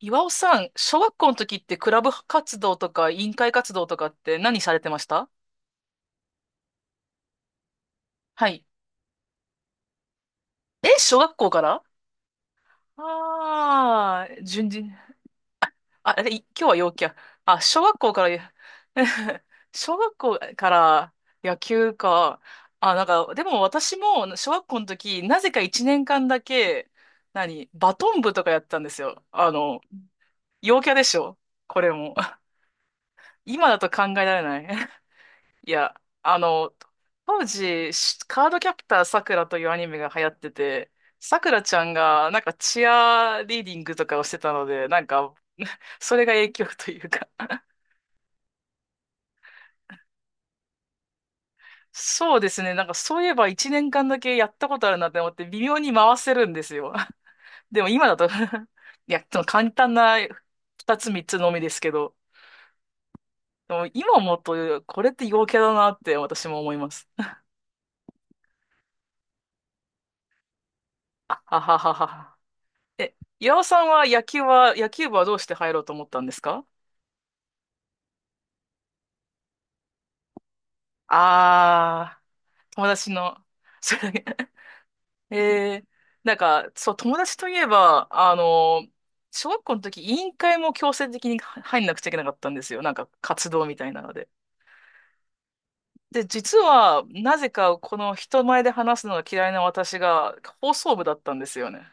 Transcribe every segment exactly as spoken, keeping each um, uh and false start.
岩尾さん、小学校の時ってクラブ活動とか委員会活動とかって何されてましたはい。え、小学校から？ああー、順次。あ、あれ、い今日は陽キャ。あ、小学校から、小学校から野球か。あ、なんか、でも私も小学校の時、なぜかいちねんかんだけ、何、バトン部とかやってたんですよ。あの、陽キャでしょ、これも。今だと考えられない。いや、あの、当時、しカードキャプターさくらというアニメが流行ってて、さくらちゃんがなんかチアリーディングとかをしてたので、なんかそれが影響というか。そうですね、なんかそういえばいちねんかんだけやったことあるなって思って微妙に回せるんですよ。でも今だと、 いや、その簡単なふたつみっつのみですけど、でも今思うとこれって陽キャだなって私も思います。あはははは。え、岩尾さんは野球は、野球部はどうして入ろうと思ったんですか？ああー、友達の、それだけ。えー、なんか、そう、友達といえば、あの、小学校の時、委員会も強制的に入んなくちゃいけなかったんですよ。なんか、活動みたいなので。で、実は、なぜか、この人前で話すのが嫌いな私が、放送部だったんですよね。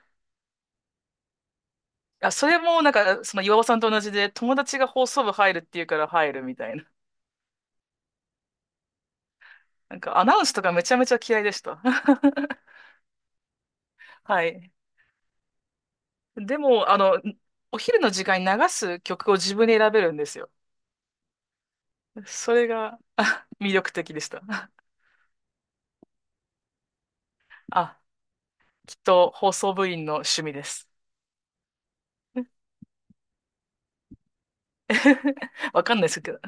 あ、それも、なんか、その岩尾さんと同じで、友達が放送部入るっていうから入るみたいな。なんかアナウンスとかめちゃめちゃ嫌いでした。はい。でも、あの、お昼の時間に流す曲を自分で選べるんですよ。それが魅力的でした。あ、きっと放送部員の趣味です。わかんないですけど。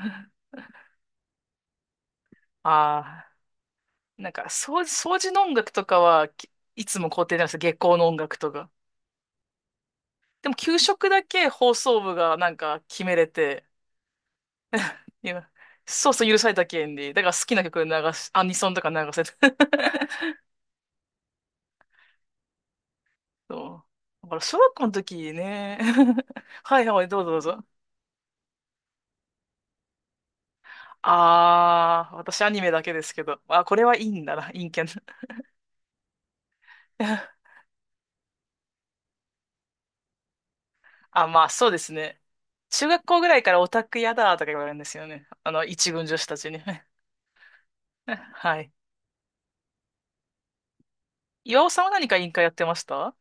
ああ、なんか掃除、掃除の音楽とかは、きいつも校庭なんですよ。下校の音楽とか。でも給食だけ放送部がなんか決めれて、いや、そうそう許された権利。だから好きな曲流し、アニソンとか流せて。そう。だから小学校の時ね。はいはい、どうぞどうぞ。あー、私アニメだけですけど。あ、これはいいんだな、陰キャな。あ、まあそうですね。中学校ぐらいからオタクやだとか言われるんですよね。あの、一軍女子たちに。はい。岩尾さんは何か委員会やってました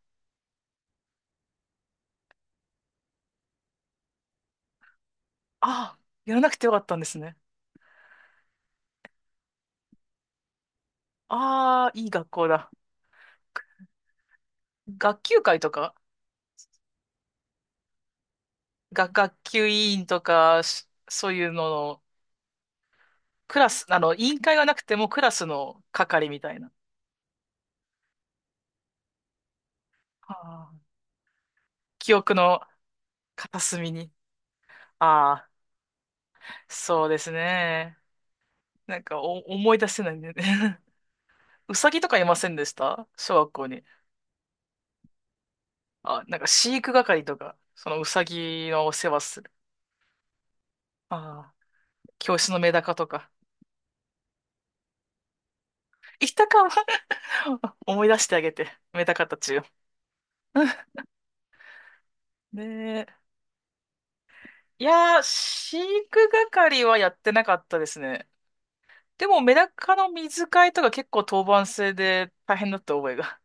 あ、やらなくてよかったんですね。ああ、いい学校だ。学級会とか、が、学級委員とか、しそういうのの、クラス、あの、委員会がなくてもクラスの係みたいな。あー、記憶の片隅に。ああ、そうですね。なんかお思い出せないんだよね。うさぎとかいませんでした、小学校に？あ、なんか飼育係とか、そのうさぎのお世話する。ああ、教室のメダカとか。いたかも。 思い出してあげて、メダカたちを。ねえ。いやー、飼育係はやってなかったですね。でもメダカの水替えとか結構当番制で大変だった覚えが。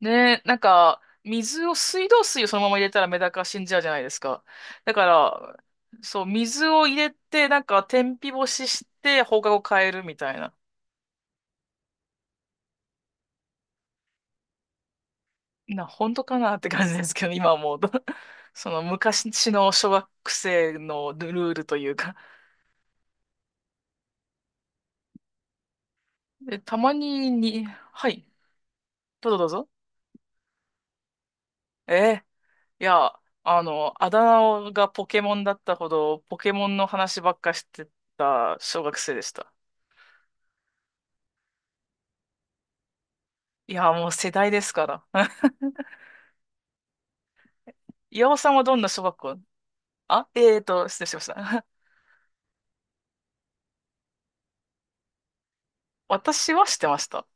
ねえ、なんか、水を、水道水をそのまま入れたらメダカ死んじゃうじゃないですか。だから、そう、水を入れて、なんか、天日干しして、放課後変えるみたいな。な、本当かなって感じですけど、今思うと。その昔の小学生のルールというか。で、たまに、に、はい、どうぞどうぞ。えーいや、あの、あだ名がポケモンだったほど、ポケモンの話ばっかしてた小学生でした。いや、もう世代ですから。岩尾さんはどんな小学校？あ、えーと、失礼しました。私はしてました。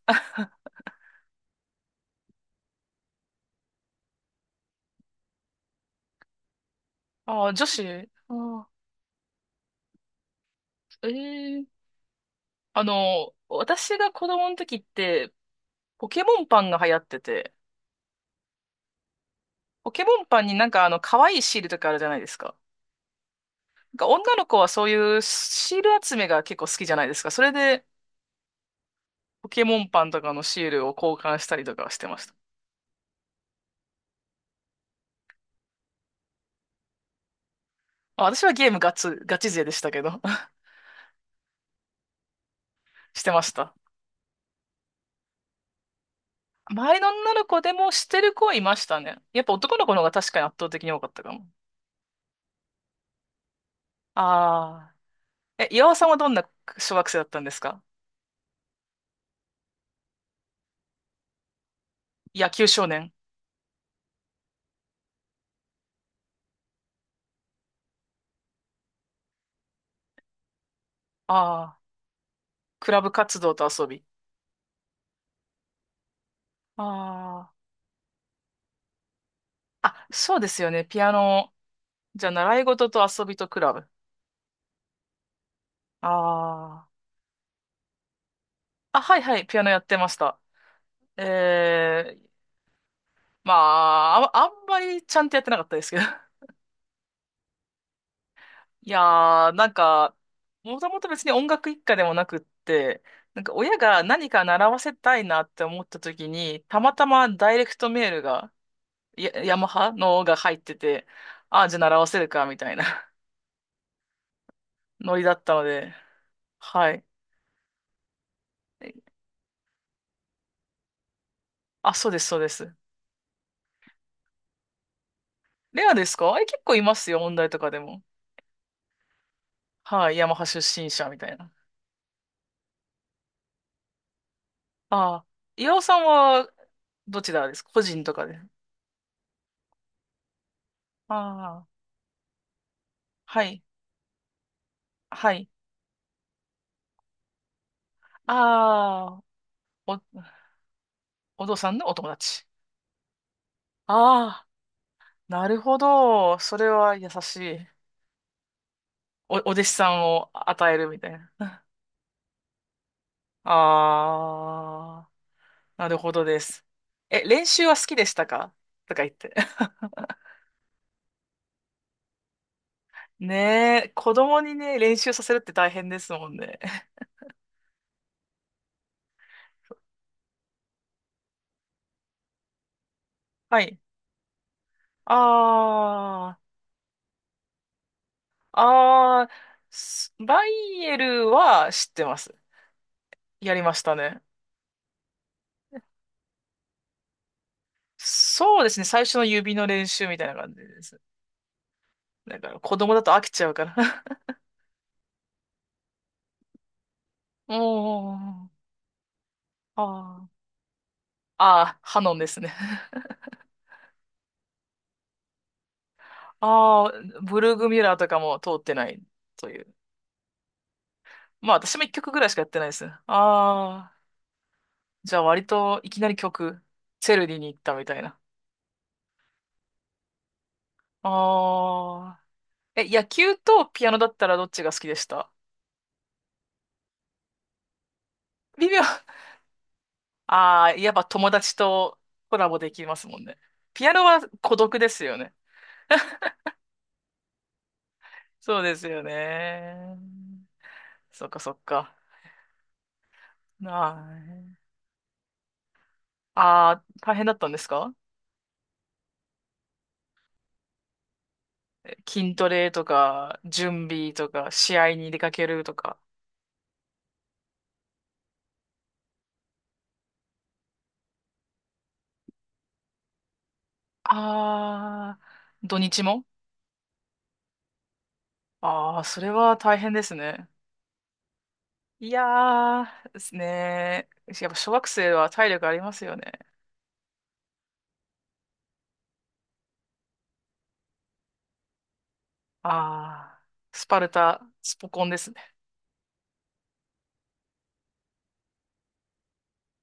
あー、女子。あー、えー。あの、私が子供の時って、ポケモンパンが流行ってて、ポケモンパンになんかあの、可愛いシールとかあるじゃないですか。なんか女の子はそういうシール集めが結構好きじゃないですか。それで、ポケモンパンとかのシールを交換したりとかしてました。あ、私はゲームガチ、ガチ勢でしたけど、してました。周りの女の子でもしてる子はいましたね。やっぱ男の子の方が確かに圧倒的に多かったかも。ああ。え、岩尾さんはどんな小学生だったんですか？野球少年。ああ。クラブ活動と遊び。ああ。あ、そうですよね。ピアノ。じゃあ、習い事と遊びとクラブ。ああ。あ、はいはい。ピアノやってました。ええ、まあ、あ、あんまりちゃんとやってなかったですけど。いやー、なんか、もともと別に音楽一家でもなくって、なんか親が何か習わせたいなって思った時に、たまたまダイレクトメールが、やヤマハのが入ってて、ああ、じゃあ習わせるか、みたいな、 ノリだったので、はい。あ、そうです、そうです。レアですか？え、結構いますよ、音大とかでも。はい、ヤマハ出身者みたいな。ああ、岩尾さんはどちらですか、個人とかで？ああ、はい、はい。ああ、おお父さんのお友達。ああ、なるほど。それは優しい。お、お弟子さんを与えるみたいな。ああ、なるほどです。え、練習は好きでしたか、とか言って。ねえ、子供にね、練習させるって大変ですもんね。はい。ああ、ああ、スバイエルは知ってます。やりましたね。そうですね、最初の指の練習みたいな感じです。だから子供だと飽きちゃうから。おー、ああ、ああハノンですね。ああ、ブルーグミュラーとかも通ってないという。まあ私も一曲ぐらいしかやってないですね。ああ、じゃあ割といきなり曲、チェルディに行ったみたいな。ああ、え、野球とピアノだったらどっちが好きでした？微妙。ああ、やっぱ友達とコラボできますもんね。ピアノは孤独ですよね。そうですよね。そっかそっか。ああ、あー大変だったんですか？筋トレとか、準備とか、試合に出かけるとか。あー、土日も？ああー、それは大変ですね。いやー、ですね。やっぱ小学生は体力ありますよね。あー、スパルタ、スポコンですね。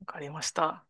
わかりました。